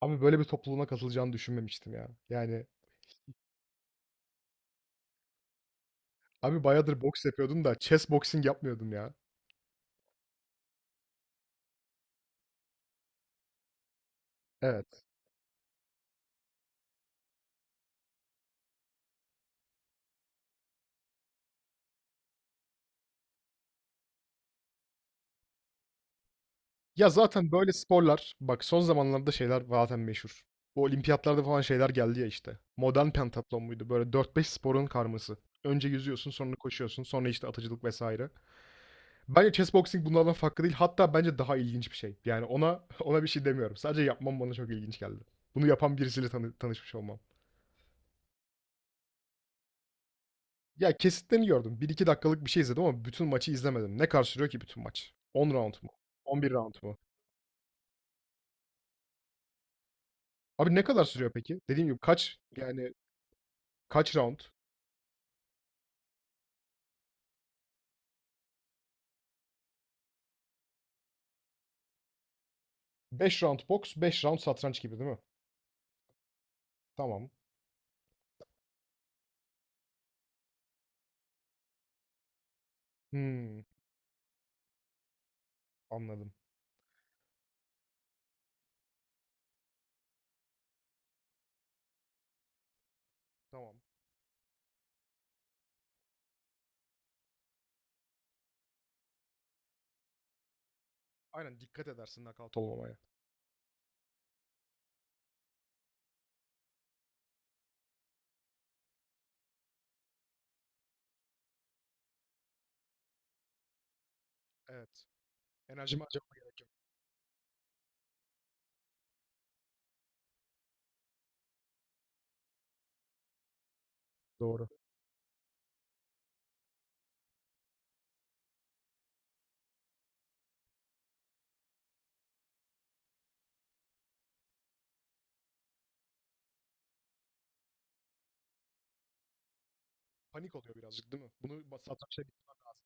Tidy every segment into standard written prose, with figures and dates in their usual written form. Abi böyle bir topluluğuna katılacağını düşünmemiştim ya. Yani abi bayağıdır boks yapıyordum da chess boxing yapmıyordum ya. Evet. Ya zaten böyle sporlar bak son zamanlarda şeyler zaten meşhur. Bu olimpiyatlarda falan şeyler geldi ya işte. Modern pentatlon muydu? Böyle dört beş sporun karması. Önce yüzüyorsun, sonra koşuyorsun, sonra işte atıcılık vesaire. Bence chess boxing bunlardan farklı değil. Hatta bence daha ilginç bir şey. Yani ona ona bir şey demiyorum. Sadece yapmam bana çok ilginç geldi. Bunu yapan birisiyle tanışmış olmam. Ya kesitlerini gördüm. Bir iki dakikalık bir şey izledim ama bütün maçı izlemedim. Ne kadar sürüyor ki bütün maç? 10 round mu? 11 round mu? Abi ne kadar sürüyor peki? Dediğim gibi kaç yani kaç round? 5 round boks, 5 round satranç gibi değil mi? Tamam. Hmm, anladım. Tamam. Aynen dikkat edersin nakavt olmamaya. Evet. Enerjimi harcamama gerek yok. Doğru. Panik oluyor birazcık değil mi? Satrançta bitirmen lazım.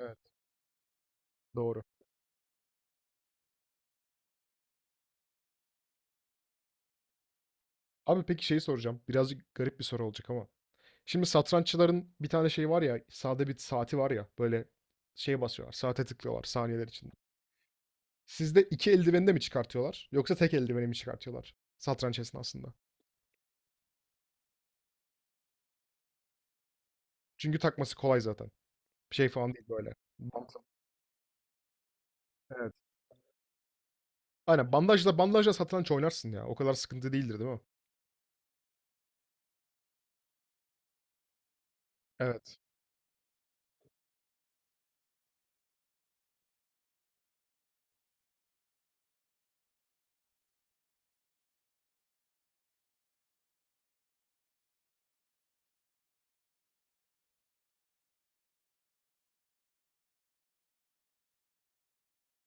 Evet. Doğru. Abi peki şeyi soracağım. Birazcık garip bir soru olacak ama. Şimdi satranççıların bir tane şey var ya, sade bir saati var ya, böyle şey basıyorlar, saate tıklıyorlar saniyeler içinde. Sizde iki eldiveni de mi çıkartıyorlar yoksa tek eldiveni mi çıkartıyorlar satranç esnasında? Çünkü takması kolay zaten. Bir şey falan değil böyle. Bantla. Evet. Aynen bandajla bandajla satranç oynarsın ya. O kadar sıkıntı değildir değil mi? Evet.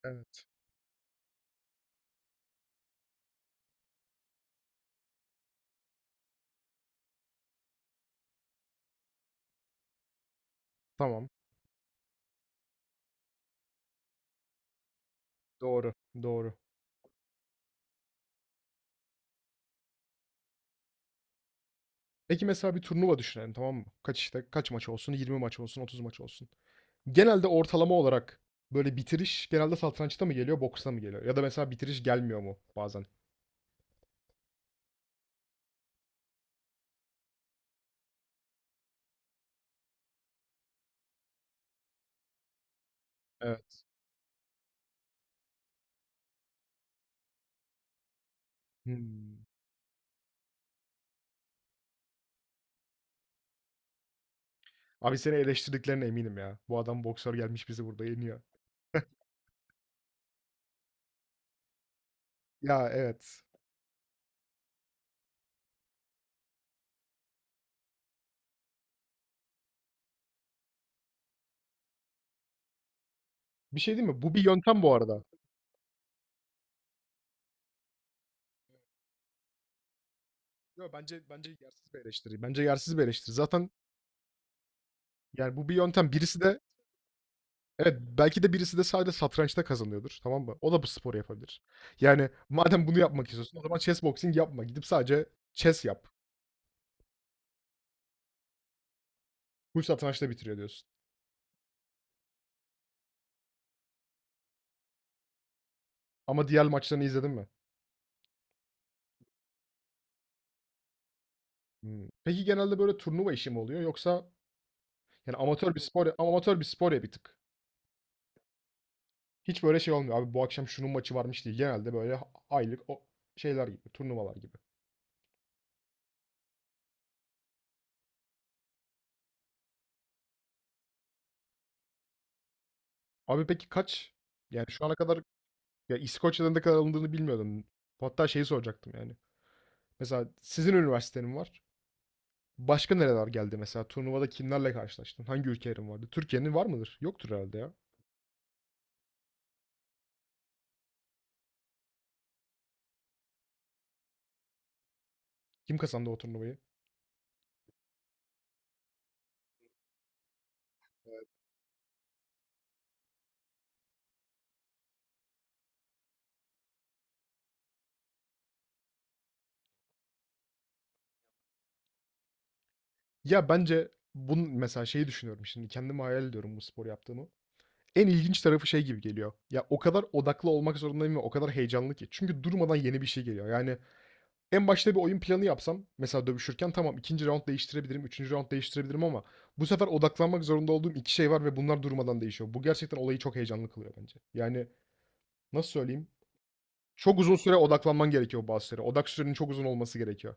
Evet. Tamam. Doğru. Doğru. Peki mesela bir turnuva düşünelim tamam mı? Kaç maç olsun? 20 maç olsun, 30 maç olsun. Genelde ortalama olarak böyle bitiriş genelde satrançta mı geliyor, boksta mı geliyor? Ya da mesela bitiriş gelmiyor mu bazen? Evet. Hımm. Abi seni eleştirdiklerine eminim ya. Bu adam boksör gelmiş bizi burada yeniyor. Ya, evet. Bir şey değil mi? Bu bir yöntem bu arada. Yo, bence yersiz bir eleştiri. Bence yersiz bir eleştiri. Zaten yani bu bir yöntem. Birisi de evet, belki de birisi de sadece satrançta kazanıyordur, tamam mı? O da bu sporu yapabilir. Yani madem bunu yapmak istiyorsun o zaman chess boxing yapma. Gidip sadece chess yap. Bu satrançta bitiriyor diyorsun. Ama diğer maçlarını izledin mi? Hımm. Peki genelde böyle turnuva işi mi oluyor yoksa yani amatör bir spor amatör bir spor ya bir tık. Hiç böyle şey olmuyor, abi bu akşam şunun maçı varmış değil. Genelde böyle ha aylık o şeyler gibi, turnuvalar gibi. Abi peki kaç yani şu ana kadar ya İskoçya'da ne kadar alındığını bilmiyordum. Hatta şeyi soracaktım yani. Mesela sizin üniversitenin var. Başka nereler geldi mesela? Turnuvada kimlerle karşılaştın? Hangi ülkelerin vardı? Türkiye'nin var mıdır? Yoktur herhalde ya. Kim kazandı o turnuvayı? Ya, bence bunun mesela şeyi düşünüyorum şimdi, kendimi hayal ediyorum bu spor yaptığımı. En ilginç tarafı şey gibi geliyor. Ya, o kadar odaklı olmak zorundayım ve o kadar heyecanlı ki. Çünkü durmadan yeni bir şey geliyor. Yani en başta bir oyun planı yapsam mesela dövüşürken tamam ikinci raund değiştirebilirim, üçüncü raund değiştirebilirim ama bu sefer odaklanmak zorunda olduğum 2 şey var ve bunlar durmadan değişiyor. Bu gerçekten olayı çok heyecanlı kılıyor bence. Yani, nasıl söyleyeyim? Çok uzun süre odaklanman gerekiyor bazı şeylere. Odak sürenin çok uzun olması gerekiyor.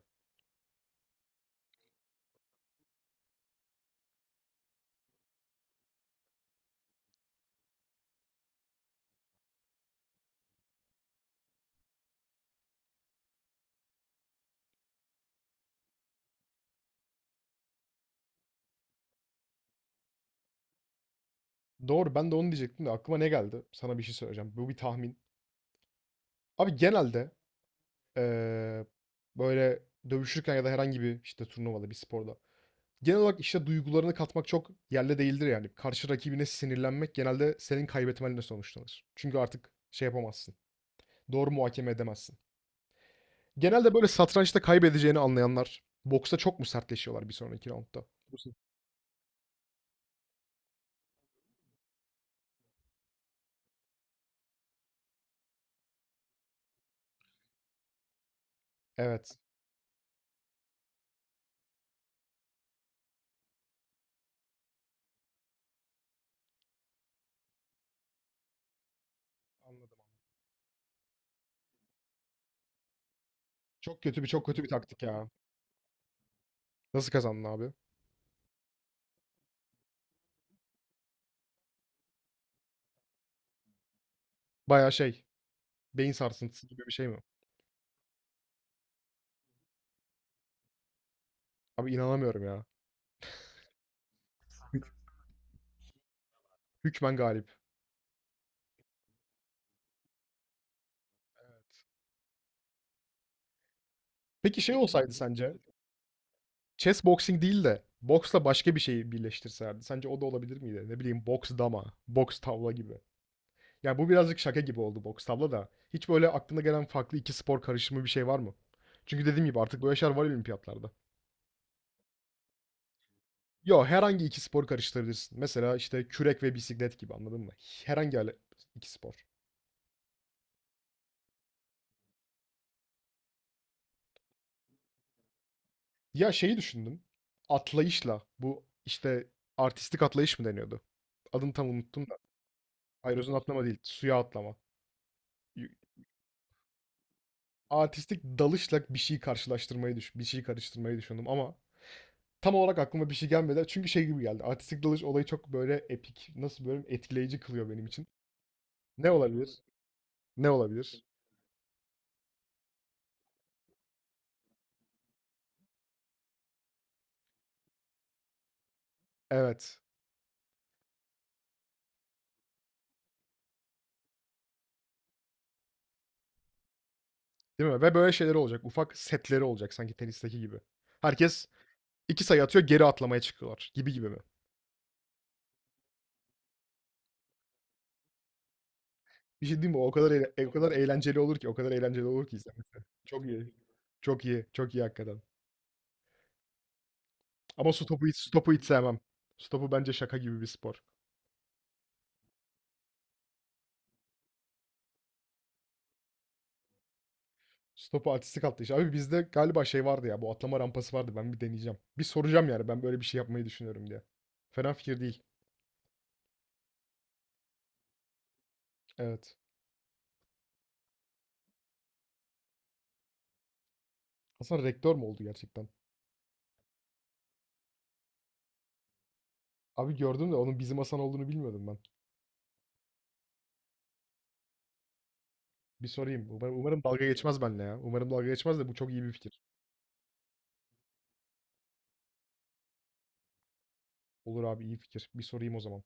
Doğru. Ben de onu diyecektim de aklıma ne geldi? Sana bir şey söyleyeceğim. Bu bir tahmin. Abi genelde eee, böyle dövüşürken ya da herhangi bir işte turnuvada bir sporda genel olarak işte duygularını katmak çok yerli değildir yani. Karşı rakibine sinirlenmek genelde senin kaybetmenle sonuçlanır. Çünkü artık şey yapamazsın. Doğru muhakeme edemezsin. Genelde böyle satrançta kaybedeceğini anlayanlar boksta çok mu sertleşiyorlar bir sonraki roundda? Bu se- Evet. Anladım. Çok kötü bir, çok kötü bir taktik ya. Nasıl kazandın abi? Bayağı şey, beyin sarsıntısı gibi bir şey mi? Abi inanamıyorum ya. Hükmen galip. Peki şey olsaydı sence? Chess boxing değil de boksla başka bir şeyi birleştirselerdi. Sence o da olabilir miydi? Ne bileyim boks dama, boks tavla gibi. Yani bu birazcık şaka gibi oldu boks tavla da. Hiç böyle aklına gelen farklı iki spor karışımı bir şey var mı? Çünkü dediğim gibi artık böyle şeyler var olimpiyatlarda. Yo herhangi iki spor karıştırabilirsin. Mesela işte kürek ve bisiklet gibi anladın mı? Herhangi ale- iki spor. Ya şeyi düşündüm. Atlayışla bu işte artistik atlayış mı deniyordu? Adını tam unuttum da. Aerozun atlama değil, suya atlama. Artistik dalışla bir şey karıştırmayı düşündüm ama tam olarak aklıma bir şey gelmedi. Çünkü şey gibi geldi. Artistik dalış olayı çok böyle epik, nasıl böyle etkileyici kılıyor benim için. Ne olabilir? Ne olabilir? Evet. Değil mi? Ve böyle şeyler olacak. Ufak setleri olacak sanki tenisteki gibi. Herkes iki sayı atıyor, geri atlamaya çıkıyorlar gibi gibi mi? Bir şey diyeyim mi? O kadar eğlenceli olur ki, o kadar eğlenceli olur ki izlemesi. Çok iyi. Çok iyi. Çok iyi hakikaten. Ama su topu hiç sevmem. Su topu bence şaka gibi bir spor. Stopu artistik attı işte. Abi bizde galiba şey vardı ya. Bu atlama rampası vardı. Ben bir deneyeceğim. Bir soracağım yani. Ben böyle bir şey yapmayı düşünüyorum diye. Fena fikir değil. Evet. Hasan rektör mü oldu gerçekten? Abi gördüm de onun bizim Hasan olduğunu bilmiyordum ben. Bir sorayım. Umarım dalga geçmez benimle ya. Umarım dalga geçmez de bu çok iyi bir fikir. Olur abi iyi fikir. Bir sorayım o zaman.